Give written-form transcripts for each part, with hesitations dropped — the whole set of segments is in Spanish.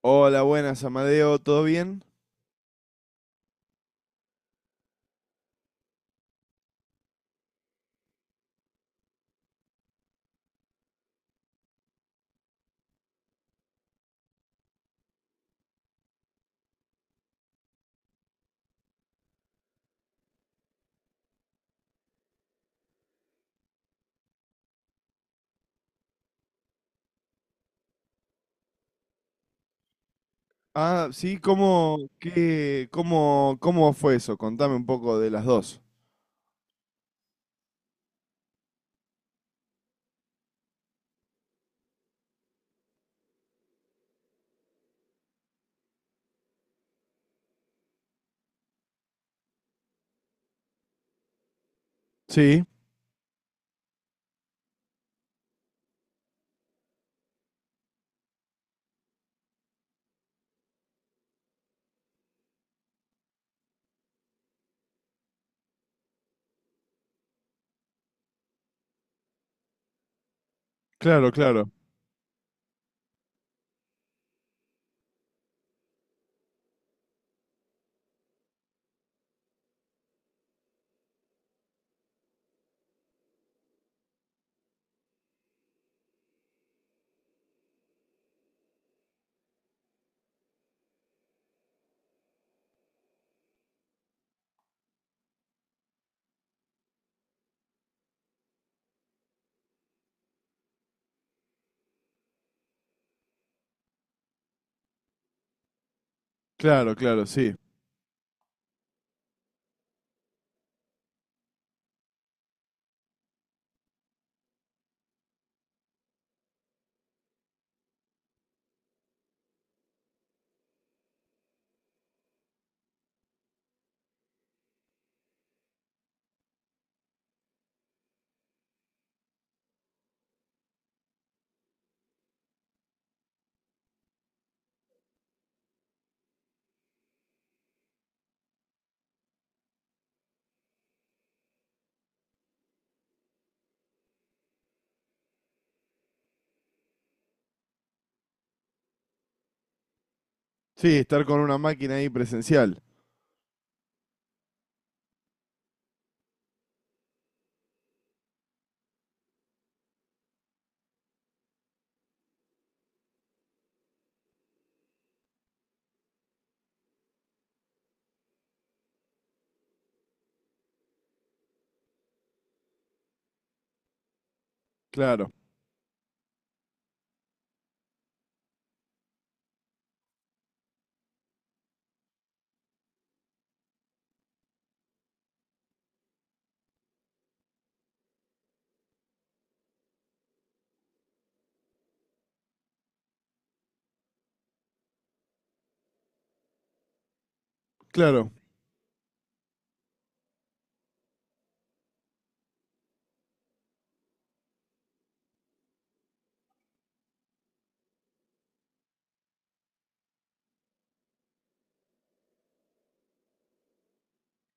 Hola, buenas, Amadeo, ¿todo bien? Ah, sí, ¿cómo, qué, cómo, cómo fue eso? Contame un poco de las dos. Sí, claro, claro, claro, claro, sí. Sí, estar con una máquina ahí presencial. Claro, claro,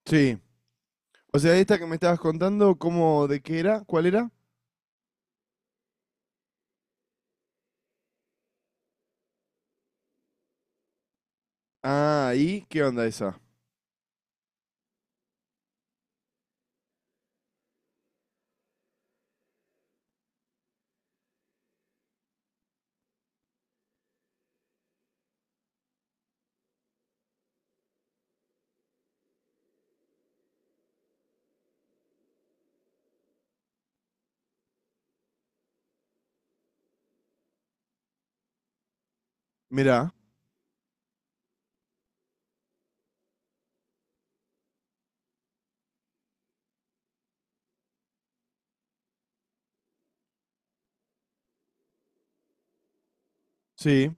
sí. O sea, esta que me estabas contando, ¿cómo, de qué era? ¿Cuál era? Ah, ¿y qué onda esa? Mirá, sí,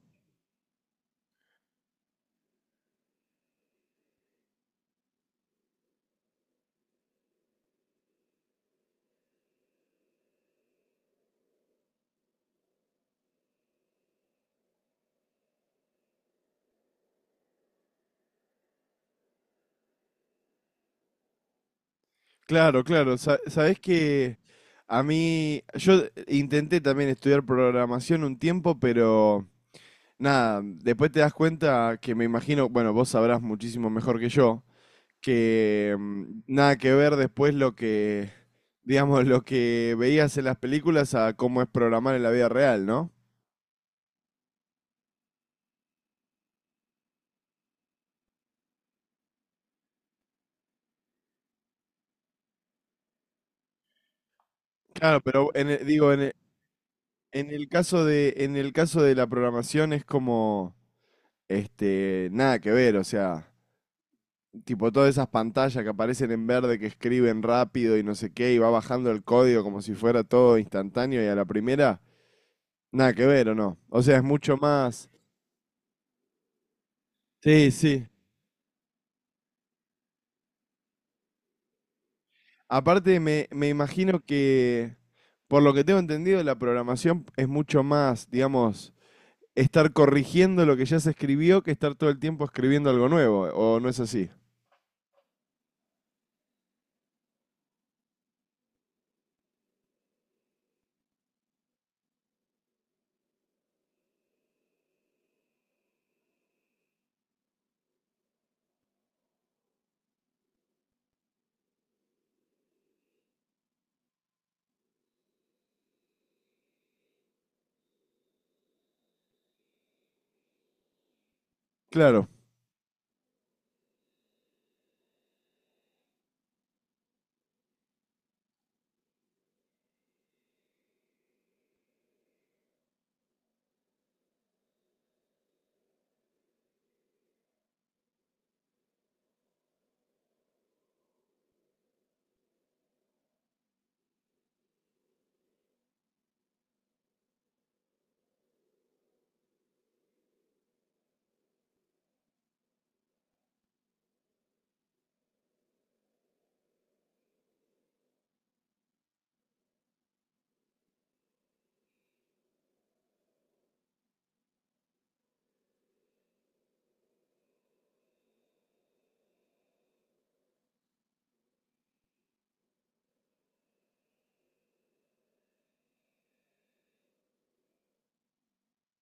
claro, claro. Sa- sabés que a mí, yo intenté también estudiar programación un tiempo, pero... Nada, después te das cuenta que me imagino, bueno, vos sabrás muchísimo mejor que yo, que nada que ver después lo que, digamos, lo que veías en las películas a cómo es programar en la vida real, ¿no? Claro, pero digo, en el caso de, en el caso de la programación es como, este, nada que ver, o sea, tipo todas esas pantallas que aparecen en verde que escriben rápido y no sé qué, y va bajando el código como si fuera todo instantáneo y a la primera. Nada que ver, ¿o no? O sea, es mucho más... Sí, sí. Aparte, me imagino que, por lo que tengo entendido, la programación es mucho más, digamos, estar corrigiendo lo que ya se escribió que estar todo el tiempo escribiendo algo nuevo, ¿o no es así? Claro,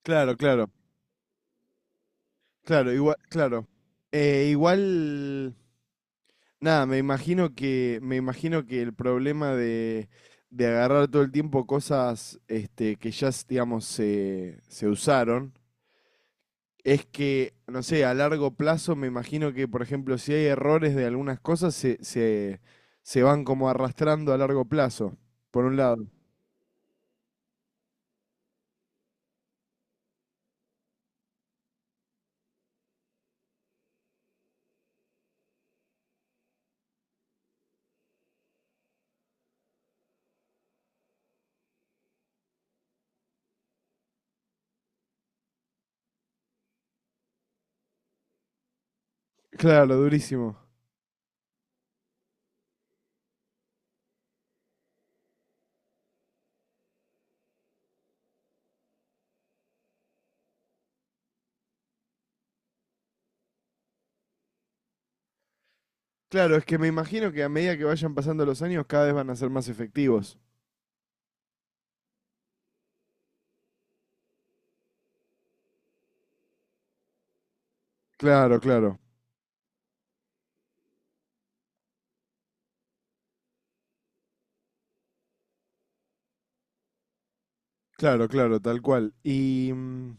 claro, claro, claro. Igual, nada, me imagino que el problema de agarrar todo el tiempo cosas este, que ya, digamos, se usaron, es que, no sé, a largo plazo me imagino que, por ejemplo, si hay errores de algunas cosas, se van como arrastrando a largo plazo, por un lado. Claro, durísimo. Claro, es que me imagino que a medida que vayan pasando los años, cada vez van a ser más efectivos. Claro, claro, claro, claro, tal cual. ¿Y,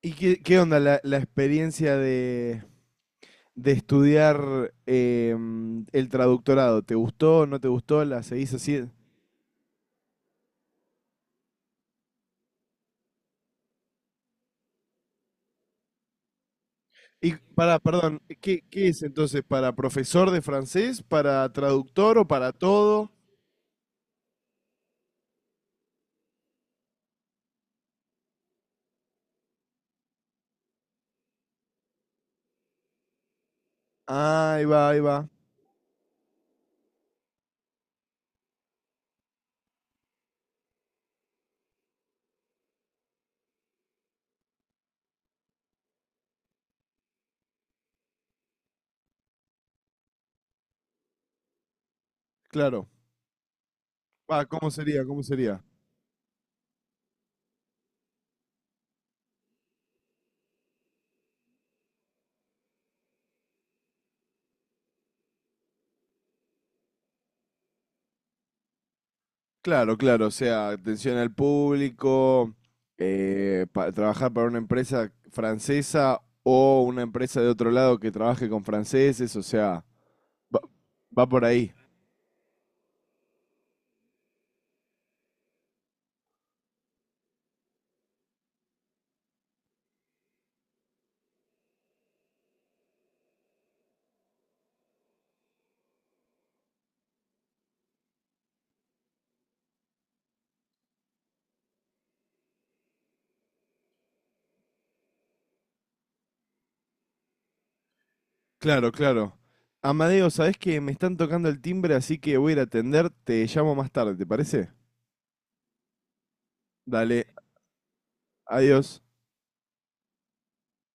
y qué, qué onda la, la experiencia de estudiar el traductorado? ¿Te gustó, no te gustó? ¿La seguís así? Y para, perdón, ¿qué, qué es entonces? ¿Para profesor de francés? ¿Para traductor o para todo? Ah, ahí va, ahí va. Claro. Ah, ¿cómo sería? ¿Cómo sería? Claro, claro. O sea, atención al público, pa- trabajar para una empresa francesa o una empresa de otro lado que trabaje con franceses. O sea, va, va por ahí. Claro, claro. Amadeo, ¿sabés que me están tocando el timbre? Así que voy a ir a atender. Te llamo más tarde, ¿te parece? Dale, adiós.